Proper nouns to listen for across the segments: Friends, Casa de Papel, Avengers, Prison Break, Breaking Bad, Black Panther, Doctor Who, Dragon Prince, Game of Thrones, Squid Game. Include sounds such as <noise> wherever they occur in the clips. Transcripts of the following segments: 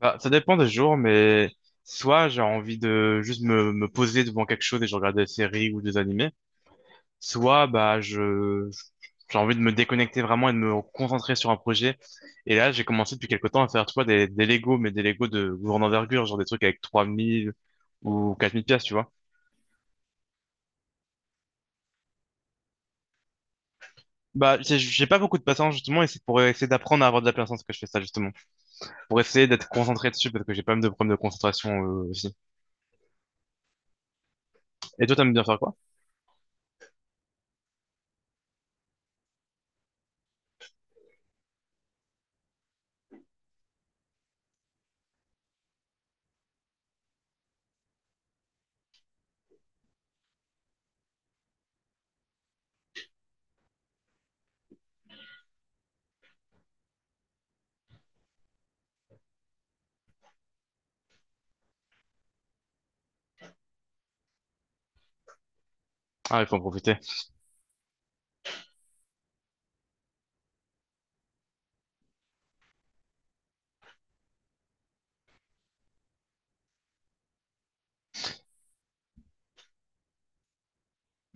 Bah, ça dépend des jours, mais soit j'ai envie de juste me poser devant quelque chose et je regarde des séries ou des animés, soit bah je j'ai envie de me déconnecter vraiment et de me concentrer sur un projet. Et là, j'ai commencé depuis quelque temps à faire, tu vois, des Lego, mais des Lego de grande envergure, genre des trucs avec 3 000 ou 4 000 pièces, tu vois. Bah, j'ai pas beaucoup de patience, justement, et c'est pour essayer d'apprendre à avoir de la patience que je fais ça, justement. Pour essayer d'être concentré dessus, parce que j'ai pas mal de problèmes de concentration, aussi. Et toi, t'aimes bien faire quoi? Ah, il faut en profiter.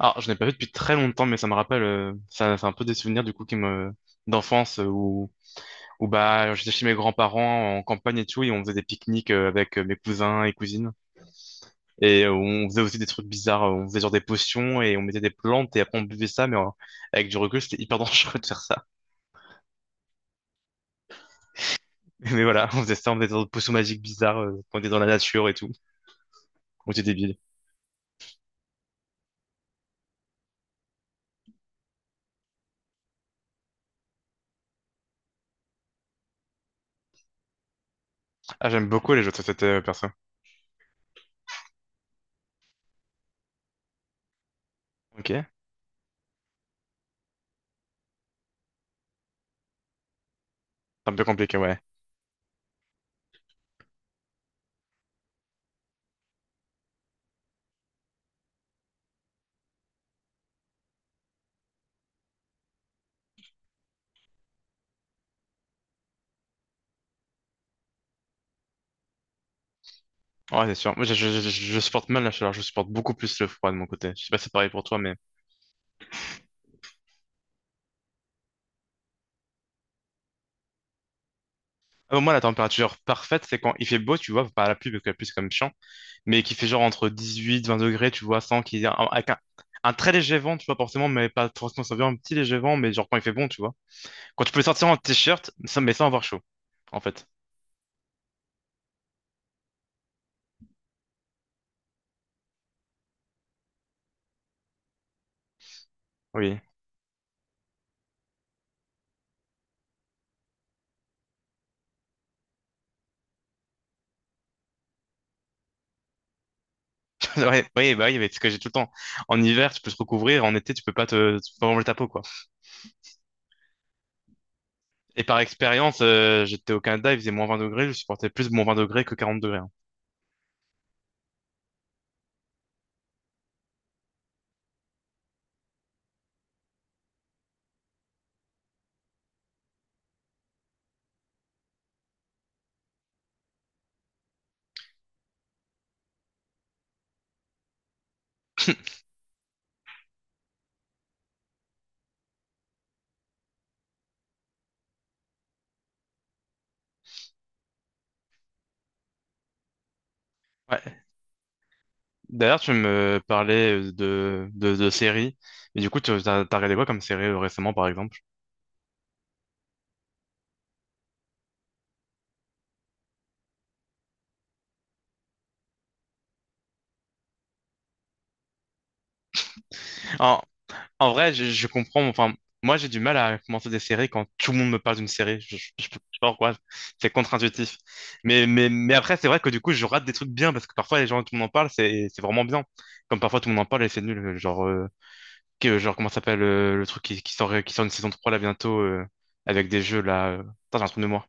Alors, je n'ai pas fait depuis très longtemps, mais ça me rappelle, ça, c'est un peu des souvenirs du coup qui me d'enfance où, où bah j'étais chez mes grands-parents en campagne et tout, et on faisait des pique-niques avec mes cousins et cousines, et on faisait aussi des trucs bizarres, on faisait genre des potions et on mettait des plantes et après on buvait ça, mais avec du recul c'était hyper <laughs> dangereux de faire ça. Mais voilà, on faisait ça, on faisait des potions magiques bizarres, quand on était dans la nature et tout, on était débiles. Ah, j'aime beaucoup les jeux de société perso. Ok, c'est un peu compliqué, ouais. Ouais, c'est sûr. Moi, je supporte mal la chaleur. Je supporte beaucoup plus le froid de mon côté. Je sais pas si c'est pareil pour toi, mais… Ah bon, moi, la température parfaite, c'est quand il fait beau, tu vois, pas à la pluie, parce que la pluie, c'est comme chiant, mais qu'il fait genre entre 18, 20 degrés, tu vois, sans qu'il y ait un, avec un très léger vent, tu vois, forcément, mais pas forcément, ça vient un petit léger vent, mais genre quand il fait bon, tu vois. Quand tu peux sortir en t-shirt, mais sans avoir chaud, en fait. Oui. <laughs> Ouais, oui, bah oui, mais c'est ce que j'ai tout le temps. En hiver, tu peux te recouvrir, en été, tu peux pas manger ta peau, quoi. Et par expérience, j'étais au Canada, il faisait moins 20 degrés, je supportais plus moins 20 degrés que 40 degrés, hein. Ouais. D'ailleurs, tu me parlais de, de séries. Et du coup, tu t'as regardé quoi comme série récemment, par exemple? En, en vrai, je comprends. Enfin, moi, j'ai du mal à commencer des séries quand tout le monde me parle d'une série. Je sais pas pourquoi. C'est contre-intuitif. Mais après, c'est vrai que du coup, je rate des trucs bien parce que parfois, les gens, tout le monde en parle, c'est vraiment bien. Comme parfois, tout le monde en parle et c'est nul. Genre, genre comment ça s'appelle le truc qui, qui sort une saison 3 là bientôt avec des jeux là. Putain, j'ai un trou de mémoire.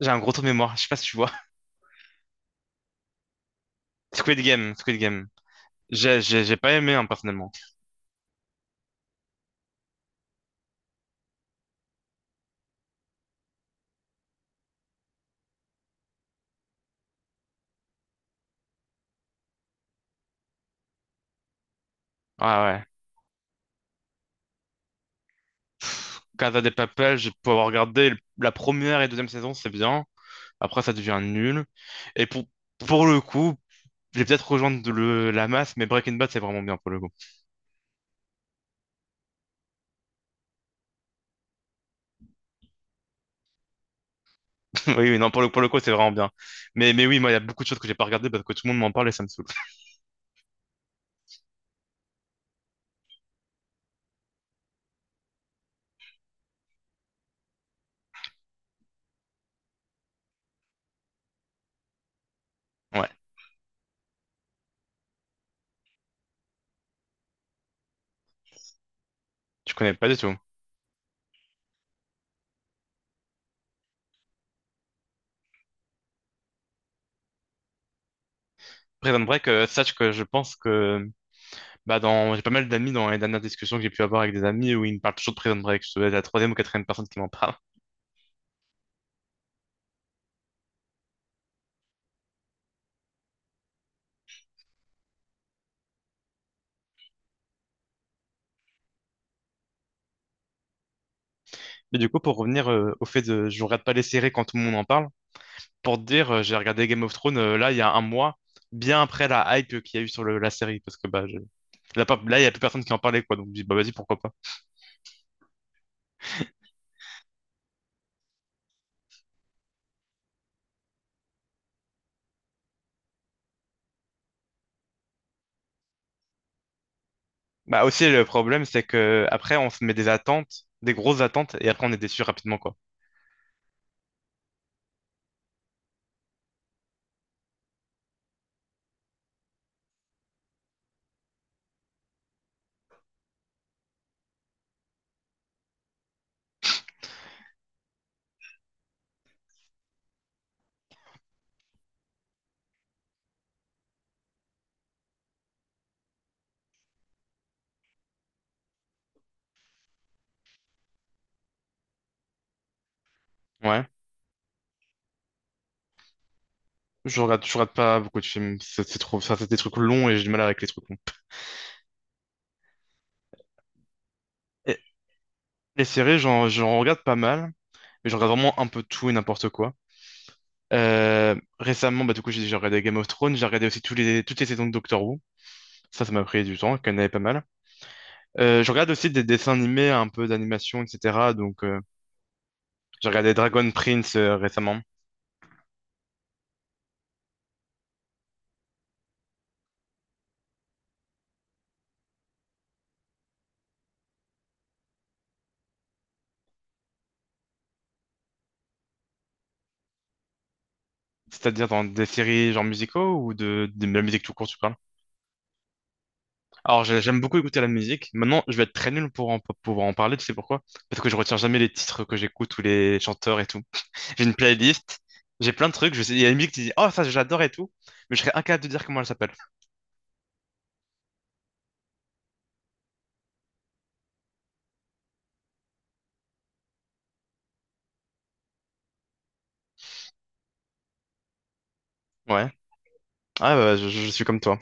J'ai un gros trou de mémoire. Je sais pas si tu vois. Squid Game, Squid Game. J'ai pas aimé, hein, personnellement. Ouais, ouais. Casa de Papel, j'ai pu avoir regardé la première et deuxième saison, c'est bien. Après, ça devient nul. Et pour le coup, j'ai peut-être rejoindre le, la masse, mais Breaking Bad, c'est vraiment bien pour le coup. <laughs> Oui, oui, non, pour le coup, c'est vraiment bien. Mais oui, moi, il y a beaucoup de choses que j'ai pas regardées parce que tout le monde m'en parle et ça me saoule. Ouais, je connais pas du tout. Prison Break, sache que je pense que bah dans j'ai pas mal d'amis dans les dernières discussions que j'ai pu avoir avec des amis où ils me parlent toujours de Prison Break. Je dois être la troisième ou quatrième personne qui m'en parle. Mais du coup, pour revenir au fait de je regarde pas les séries quand tout le monde en parle, pour te dire, j'ai regardé Game of Thrones là il y a un mois, bien après la hype qu'il y a eu sur la série, parce que bah, je- là, pas- là, il y a plus personne qui en parlait, quoi, donc je me dis, bah vas-y, pourquoi pas. Bah aussi, le problème, c'est que après, on se met des attentes, des grosses attentes, et après, on est déçu rapidement, quoi. Ouais. Je regarde pas beaucoup de films, c'est trop, ça, c'est des trucs longs et j'ai du mal avec les trucs longs. Et les séries, j'en regarde pas mal, mais je regarde vraiment un peu tout et n'importe quoi. Euh, récemment, bah, du coup, j'ai regardé Game of Thrones, j'ai regardé aussi tous les, toutes les saisons de Doctor Who. Ça m'a pris du temps, qu'il y en avait pas mal. Je regarde aussi des dessins animés, un peu d'animation, etc. Donc, j'ai regardé Dragon Prince récemment. C'est-à-dire dans des séries genre musicaux ou de la musique tout court, tu parles? Alors, j'aime beaucoup écouter la musique. Maintenant, je vais être très nul pour pouvoir en parler, tu sais pourquoi? Parce que je retiens jamais les titres que j'écoute ou les chanteurs et tout. J'ai une playlist, j'ai plein de trucs, je sais, il y a une musique qui dit «Oh, ça, j'adore et tout», mais je serais incapable de dire comment elle s'appelle. Ouais. Ah bah, je suis comme toi.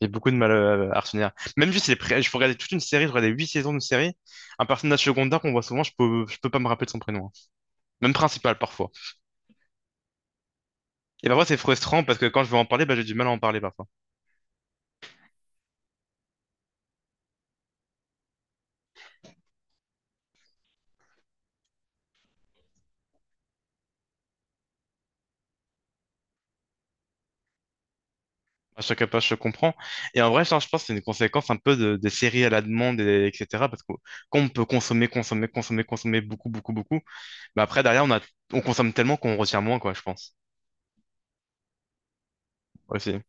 J'ai beaucoup de mal à retenir. Même juste, je peux regarder toute une série, je regarder 8 saisons d'une série. Un personnage secondaire qu'on voit souvent, je peux pas me rappeler de son prénom, hein. Même principal, parfois. Et parfois, c'est frustrant parce que quand je veux en parler, bah, j'ai du mal à en parler, parfois. À chaque page, je comprends. Et en vrai, ça, je pense que c'est une conséquence un peu des séries à la demande, etc. Parce que quand on peut consommer, consommer, consommer, consommer beaucoup, beaucoup, beaucoup, bah après, derrière, on consomme tellement qu'on retient moins, quoi, je pense. Aussi.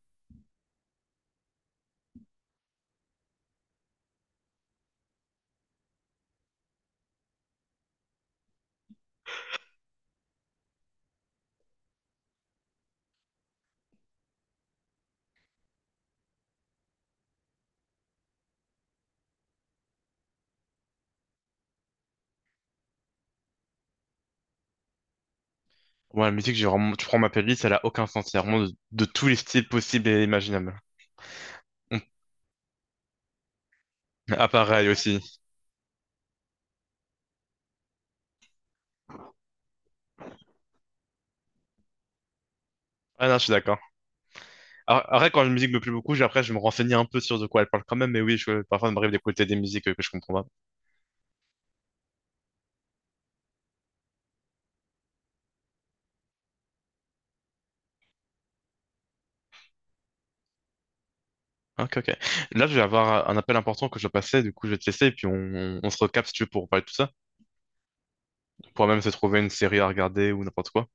Moi, la musique, j'ai vraiment, tu prends ma playlist, elle a aucun sens. Il vraiment de tous les styles possibles et imaginables. Ah, pareil aussi. Ah non, je suis d'accord. Alors, après, quand une musique me plaît beaucoup, après, je me renseigne un peu sur de quoi elle parle quand même. Mais oui, je, parfois, il m'arrive d'écouter des musiques que je comprends pas. Ok, ok. Là, je vais avoir un appel important que je dois passer, du coup, je vais te laisser et puis on se recapte si tu veux pour parler de tout ça. On pourra même se trouver une série à regarder ou n'importe quoi.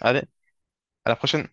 Allez, à la prochaine!